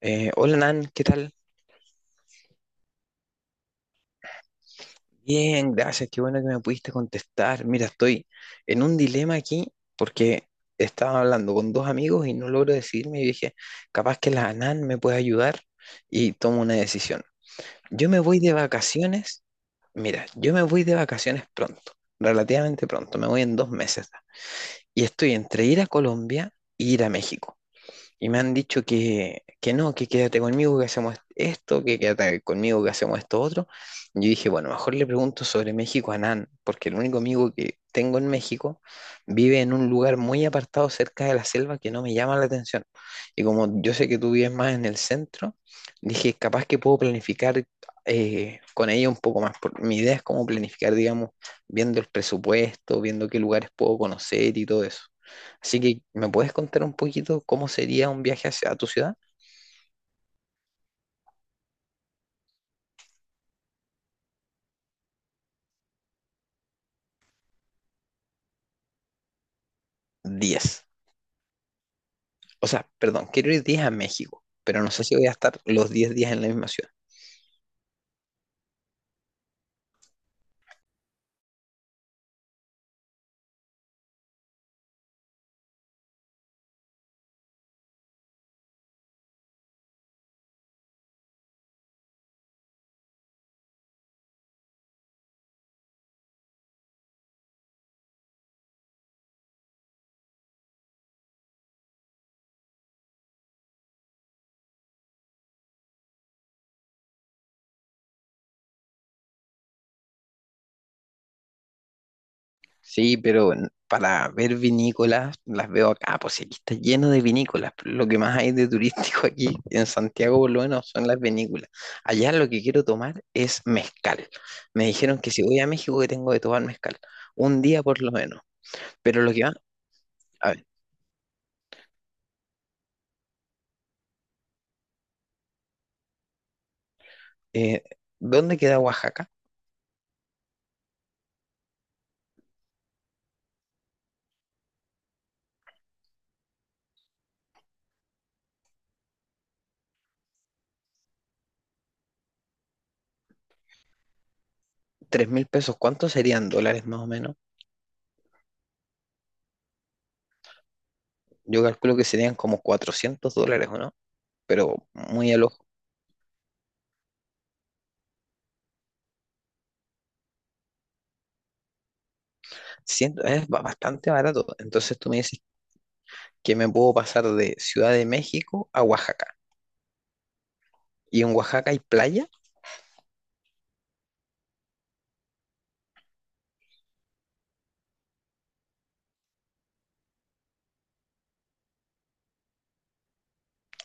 Hola Nan, ¿qué tal? Bien, gracias, qué bueno que me pudiste contestar. Mira, estoy en un dilema aquí porque estaba hablando con dos amigos y no logro decidirme y dije, capaz que la Nan me puede ayudar y tomo una decisión. Yo me voy de vacaciones, mira, yo me voy de vacaciones pronto, relativamente pronto, me voy en 2 meses. Y estoy entre ir a Colombia e ir a México. Y me han dicho que no, que quédate conmigo, que hacemos esto, que quédate conmigo, que hacemos esto otro. Y yo dije, bueno, mejor le pregunto sobre México a Nan, porque el único amigo que tengo en México vive en un lugar muy apartado cerca de la selva que no me llama la atención. Y como yo sé que tú vives más en el centro, dije, capaz que puedo planificar con ella un poco más. Mi idea es cómo planificar, digamos, viendo el presupuesto, viendo qué lugares puedo conocer y todo eso. Así que, ¿me puedes contar un poquito cómo sería un viaje hacia tu ciudad? Diez. O sea, perdón, quiero ir 10 a México, pero no sé si voy a estar los 10 días en la misma ciudad. Sí, pero para ver vinícolas, las veo acá, pues si aquí está lleno de vinícolas. Pero lo que más hay de turístico aquí en Santiago, por lo menos, son las vinícolas. Allá lo que quiero tomar es mezcal. Me dijeron que si voy a México que tengo que tomar mezcal. Un día por lo menos. Pero lo que va, a ver, eh, ¿dónde queda Oaxaca? 3.000 pesos, ¿cuántos serían dólares más o menos? Yo calculo que serían como $400, ¿o no? Pero muy al ojo. Es bastante barato. Entonces tú me dices que me puedo pasar de Ciudad de México a Oaxaca. Y en Oaxaca hay playa.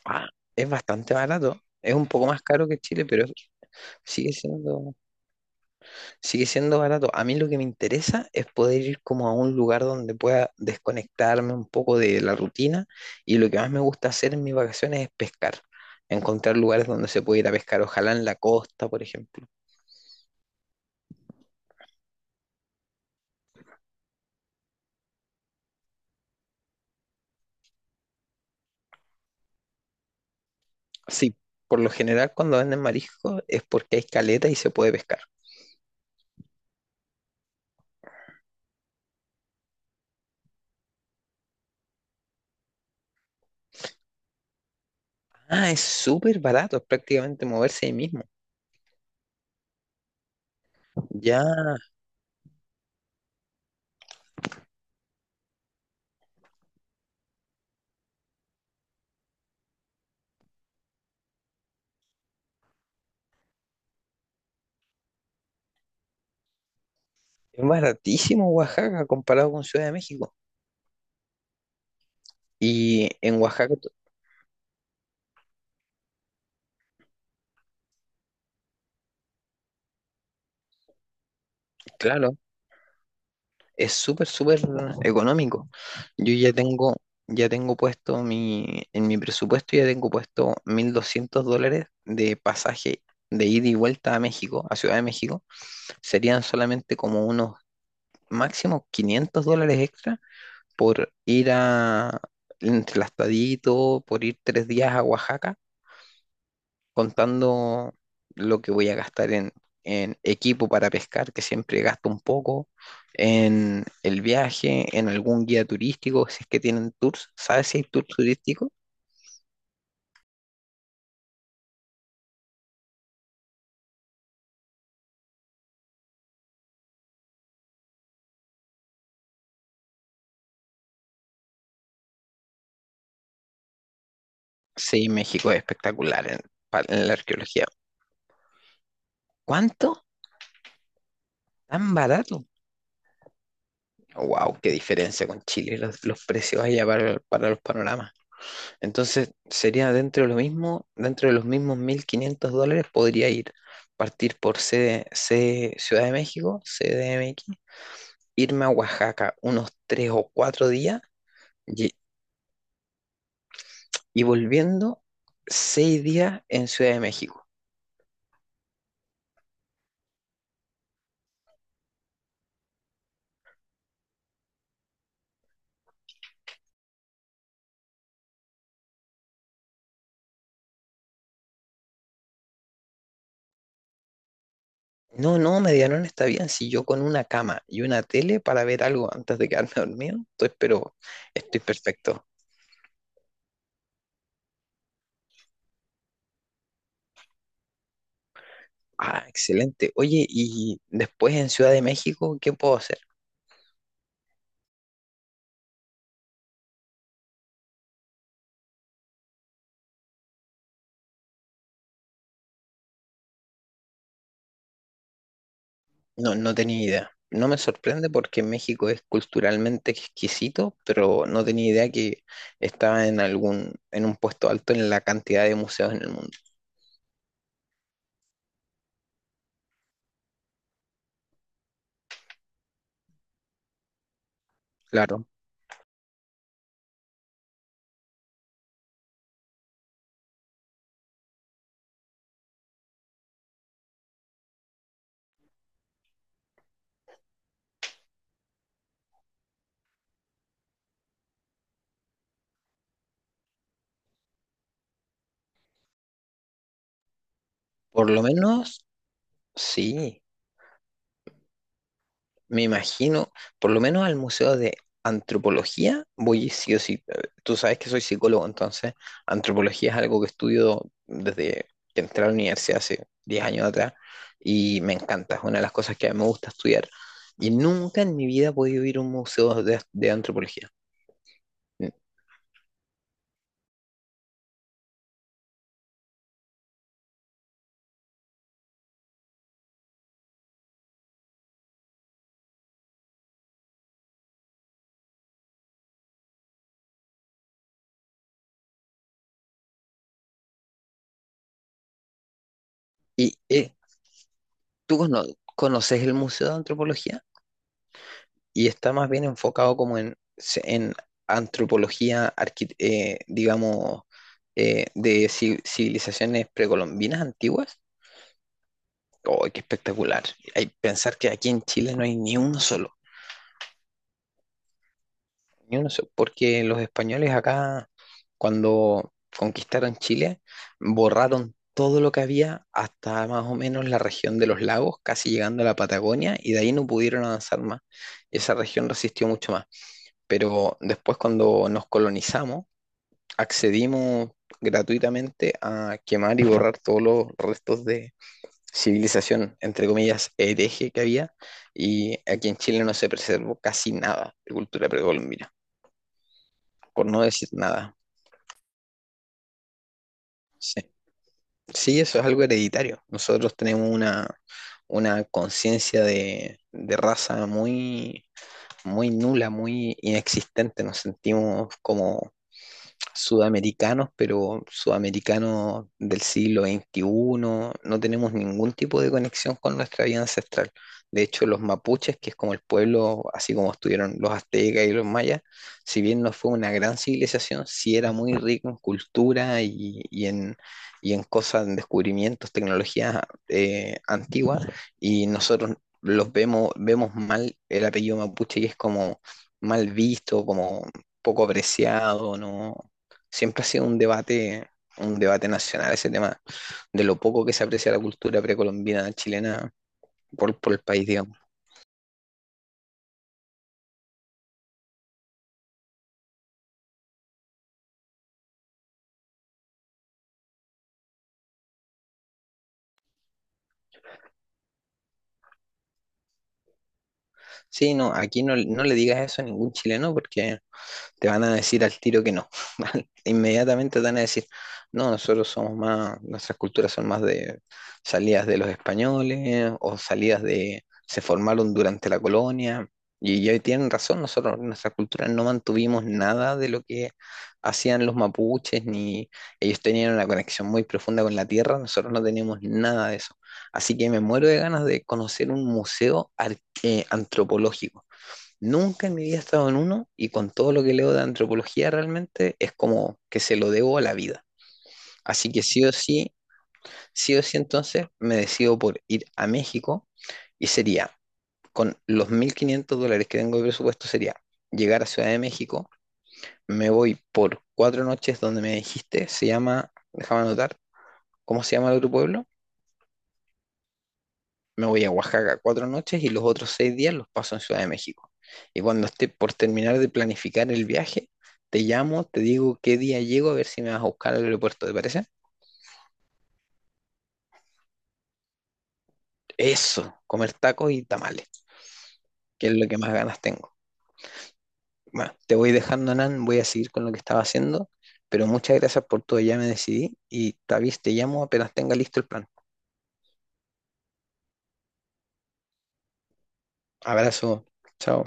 Ah, es bastante barato. Es un poco más caro que Chile, pero sigue siendo Sigue siendo barato. A mí lo que me interesa es poder ir como a un lugar donde pueda desconectarme un poco de la rutina y lo que más me gusta hacer en mis vacaciones es pescar. Encontrar lugares donde se puede ir a pescar, ojalá en la costa, por ejemplo. Sí, por lo general cuando venden mariscos es porque hay caleta y se puede pescar. Ah, es súper barato, es prácticamente moverse ahí mismo. Ya, es baratísimo Oaxaca comparado con Ciudad de México. Y en Oaxaca, claro. Es súper, súper económico. Yo ya tengo puesto mi, en mi presupuesto ya tengo puesto $1.200 de pasaje de ida y vuelta a México, a Ciudad de México. Serían solamente como unos máximo $500 extra por ir a, entre el Astadito, por ir 3 días a Oaxaca contando lo que voy a gastar en, equipo para pescar, que siempre gasto un poco, en el viaje, en algún guía turístico, si es que tienen tours. ¿Sabes si hay tours turísticos? Sí, México es espectacular en, en la arqueología. ¿Cuánto? ¿Tan barato? Wow, qué diferencia con Chile, los precios allá para los panoramas. Entonces sería dentro de lo mismo, dentro de los mismos $1.500 podría partir por Ciudad de México, CDMX, irme a Oaxaca unos 3 o 4 días y, y volviendo 6 días en Ciudad de México. No, no, Medianón está bien. Si yo con una cama y una tele para ver algo antes de quedarme dormido, entonces, pero estoy perfecto. Ah, excelente. Oye, y después en Ciudad de México, ¿qué puedo hacer? No, no tenía idea. No me sorprende porque México es culturalmente exquisito, pero no tenía idea que estaba en un puesto alto en la cantidad de museos en el mundo. Claro, por lo menos sí. Me imagino, por lo menos al Museo de Antropología, voy sí o sí. Tú sabes que soy psicólogo, entonces antropología es algo que estudio desde que entré a la universidad hace 10 años atrás y me encanta, es una de las cosas que a mí me gusta estudiar. Y nunca en mi vida he podido ir a un museo de antropología. Mm, ¿Y tú conoces el Museo de Antropología? Y está más bien enfocado como en antropología, digamos, de civilizaciones precolombinas antiguas. ¡Oh, qué espectacular! Hay pensar que aquí en Chile no hay ni uno solo, ni uno solo, porque los españoles acá, cuando conquistaron Chile, borraron todo lo que había hasta más o menos la región de los lagos, casi llegando a la Patagonia, y de ahí no pudieron avanzar más. Esa región resistió mucho más. Pero después cuando nos colonizamos, accedimos gratuitamente a quemar y borrar todos los restos de civilización, entre comillas, hereje que había, y aquí en Chile no se preservó casi nada de cultura precolombina, por no decir nada. Sí, sí, eso es algo hereditario. Nosotros tenemos una conciencia de raza muy, muy nula, muy inexistente, nos sentimos como sudamericanos, pero sudamericanos del siglo XXI, no tenemos ningún tipo de conexión con nuestra vida ancestral. De hecho, los mapuches, que es como el pueblo, así como estuvieron los aztecas y los mayas, si bien no fue una gran civilización, sí era muy rico en cultura y en cosas, en descubrimientos, tecnologías antiguas, y nosotros vemos mal el apellido mapuche y es como mal visto, como poco apreciado, ¿no? Siempre ha sido un debate, nacional ese tema, de lo poco que se aprecia la cultura precolombina chilena por el país, digamos. Sí, no, aquí no, no le digas eso a ningún chileno porque te van a decir al tiro que no. Inmediatamente te van a decir, no, nosotros somos más, nuestras culturas son más de salidas de los españoles o salidas de, se formaron durante la colonia. Y ya tienen razón, nosotros, nuestra cultura no mantuvimos nada de lo que hacían los mapuches, ni ellos tenían una conexión muy profunda con la tierra, nosotros no teníamos nada de eso. Así que me muero de ganas de conocer un museo antropológico. Nunca en mi vida he estado en uno y con todo lo que leo de antropología realmente es como que se lo debo a la vida. Así que sí o sí entonces me decido por ir a México y sería, con los $1.500 que tengo de presupuesto, sería llegar a Ciudad de México, me voy por 4 noches donde me dijiste, se llama, déjame anotar, ¿cómo se llama el otro pueblo? Me voy a Oaxaca 4 noches y los otros 6 días los paso en Ciudad de México. Y cuando esté por terminar de planificar el viaje, te llamo, te digo qué día llego, a ver si me vas a buscar al aeropuerto, ¿te parece? Eso, comer tacos y tamales, que es lo que más ganas tengo. Bueno, te voy dejando, Nan, voy a seguir con lo que estaba haciendo, pero muchas gracias por todo, ya me decidí y Tavis, te llamo apenas tenga listo el plan. Abrazo, chao.